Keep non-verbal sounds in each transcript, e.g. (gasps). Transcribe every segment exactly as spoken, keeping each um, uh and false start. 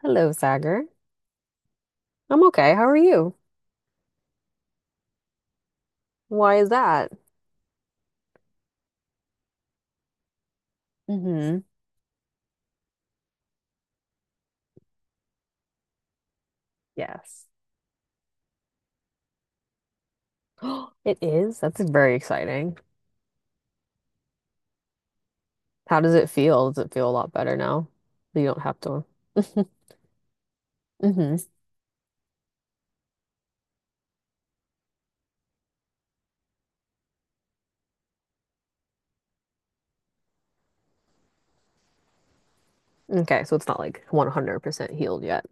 Hello, Sagar. I'm okay. How are you? Why is that? Mm-hmm. Yes. (gasps) It is. That's very exciting. How does it feel? Does it feel a lot better now? That You don't have to. (laughs) Mm-hmm. Okay, so it's not like a hundred percent healed yet.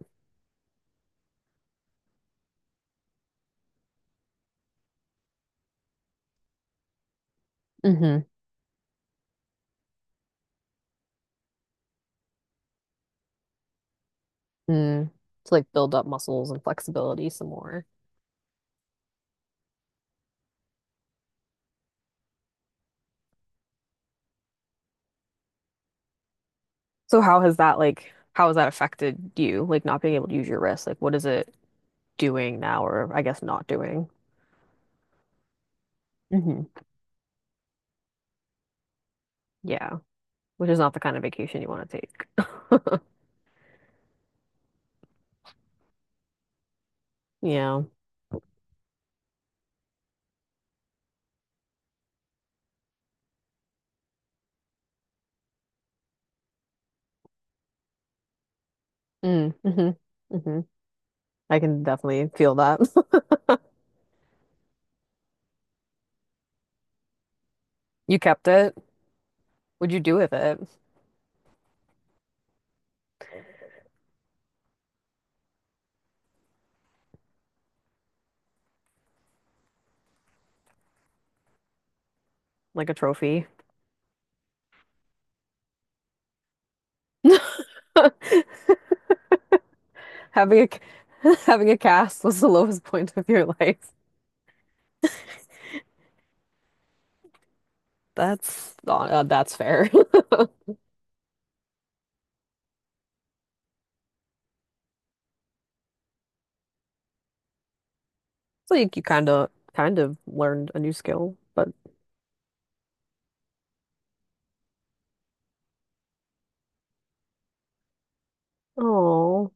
Mm-hmm. Mm. To like build up muscles and flexibility some more. So how has that like how has that affected you? Like not being able to use your wrist? Like what is it doing now, or I guess not doing? Mm-hmm. Yeah. Which is not the kind of vacation you want to take. (laughs) Yeah. Mm, hmm hmm. I can definitely feel that. (laughs) You kept it. What'd you do with it? Like a trophy. (laughs) Having a (laughs) having a cast was the lowest point of your life. That's not, uh, that's fair. (laughs) So you, you kind of kind of learned a new skill, but oh,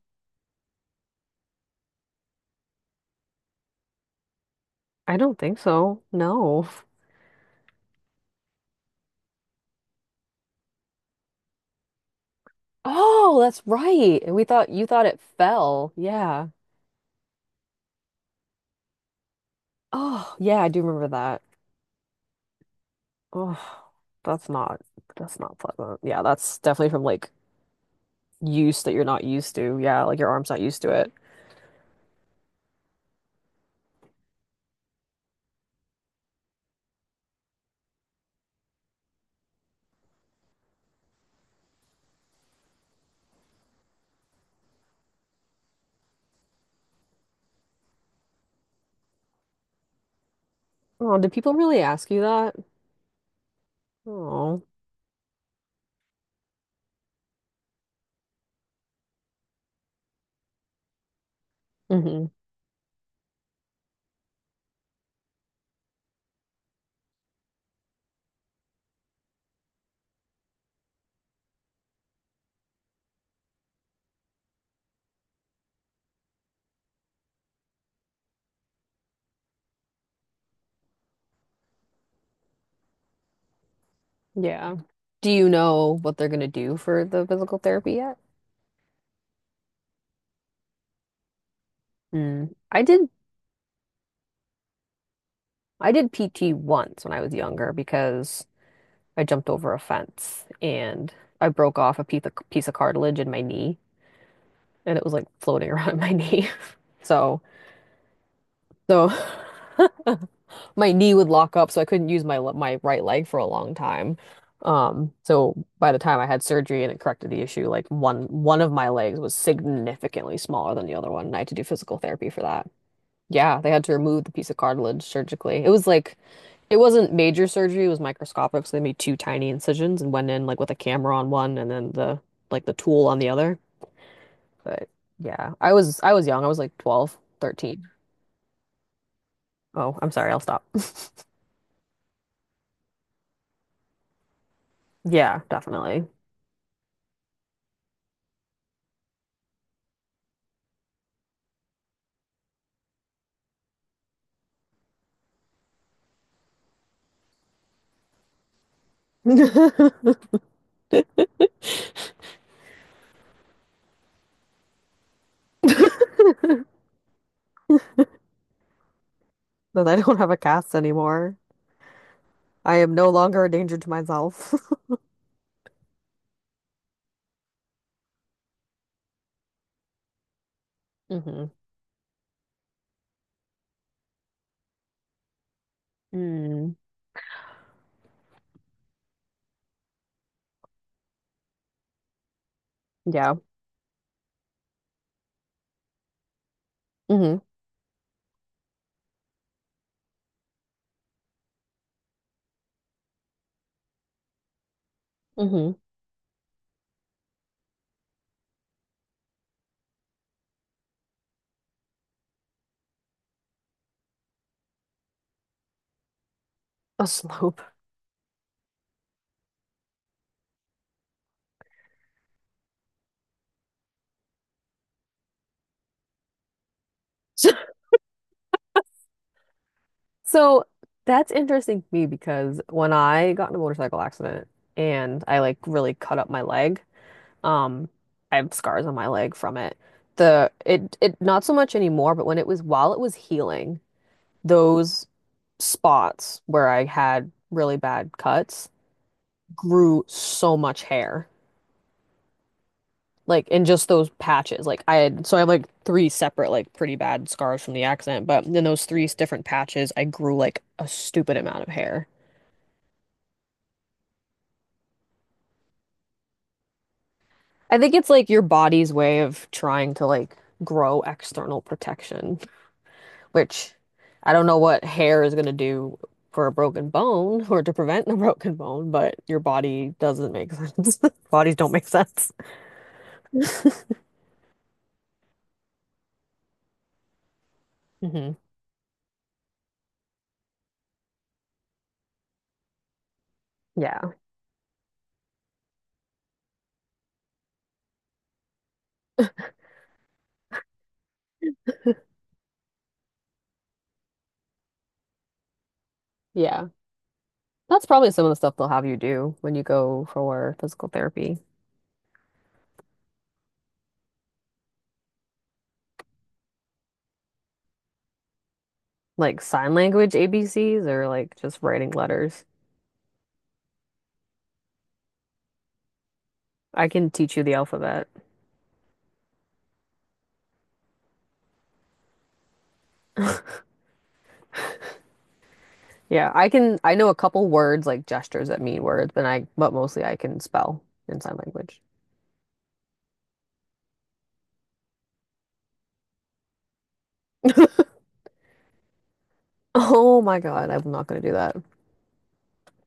I don't think so. No. (laughs) Oh, that's right. And we thought you thought it fell. Yeah. Oh, yeah, I do remember that. Oh, that's not that's not pleasant. Yeah, that's definitely from like use that you're not used to. Yeah, like your arm's not used to it. Oh, did people really ask you that? Oh, hmm. Yeah. Do you know what they're gonna do for the physical therapy yet? Mm. I did I did P T once when I was younger because I jumped over a fence and I broke off a piece of, piece of cartilage in my knee, and it was like floating around (laughs) my knee. So, so (laughs) my knee would lock up, so I couldn't use my le- my right leg for a long time. Um, so by the time I had surgery and it corrected the issue, like one one of my legs was significantly smaller than the other one, and I had to do physical therapy for that. Yeah, they had to remove the piece of cartilage surgically. It was like it wasn't major surgery, it was microscopic, so they made two tiny incisions and went in like with a camera on one, and then the like the tool on the other. But yeah, I was I was young. I was like twelve, thirteen. Oh, I'm sorry, I'll stop. (laughs) Yeah, definitely. (laughs) that I don't have a cast anymore. I am no longer a danger to myself. (laughs) Mm-hmm. Mm. Yeah. Mm-hmm. Mm-hmm. A slope. (laughs) So that's interesting to me because when I got in a motorcycle accident and I like really cut up my leg, um, I have scars on my leg from it. The it it not so much anymore, but when it was while it was healing, those spots where I had really bad cuts grew so much hair. Like in just those patches. Like I had, so I have like three separate, like pretty bad scars from the accident, but in those three different patches, I grew like a stupid amount of hair. I think it's like your body's way of trying to like grow external protection, which I don't know what hair is going to do for a broken bone or to prevent (laughs) a broken bone, but your body doesn't make sense. (laughs) Bodies don't make sense. Hmm. Yeah. (laughs) Yeah. That's probably some of the stuff they'll have you do when you go for physical therapy. Like sign language A B Cs, or like just writing letters? I can teach you the alphabet. Yeah, I can I know a couple words like gestures that mean words, but I but mostly I can spell in sign language. (laughs) Oh my God, I'm not gonna do that.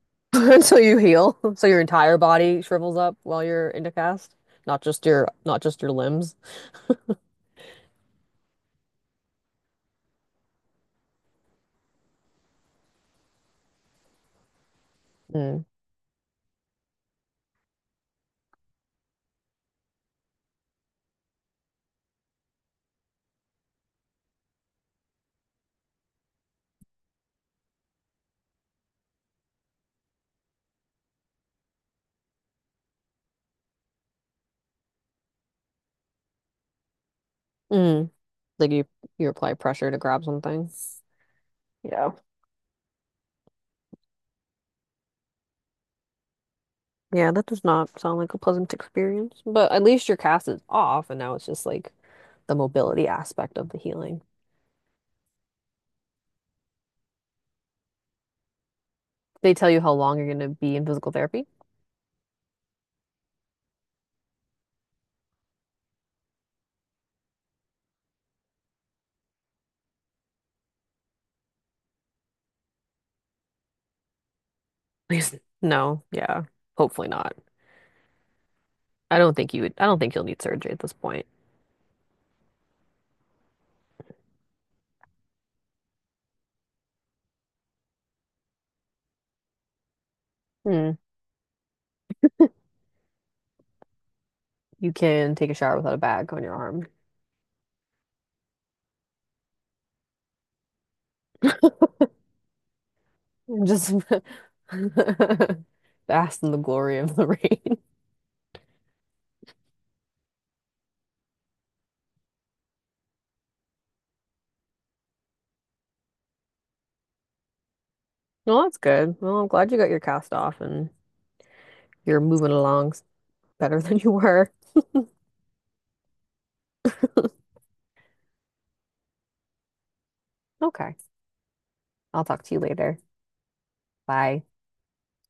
(laughs) Until you heal. (laughs) So your entire body shrivels up while you're in the cast, not just your not just your limbs. Mm. Mm. Like you you apply pressure to grab something. Yeah. Yeah, that does not sound like a pleasant experience, but at least your cast is off, and now it's just like the mobility aspect of the healing. They tell you how long you're going to be in physical therapy? (laughs) Please. No, yeah, hopefully not. I don't think you would, I don't think you'll need surgery at this point. Hmm. You can take a shower without a bag on your arm. (laughs) Just (laughs) bask in the glory of the (laughs) rain. Well, that's good. Well, I'm glad you got your cast off, and you're moving along s- better than you were. Okay, I'll talk to you later. Bye.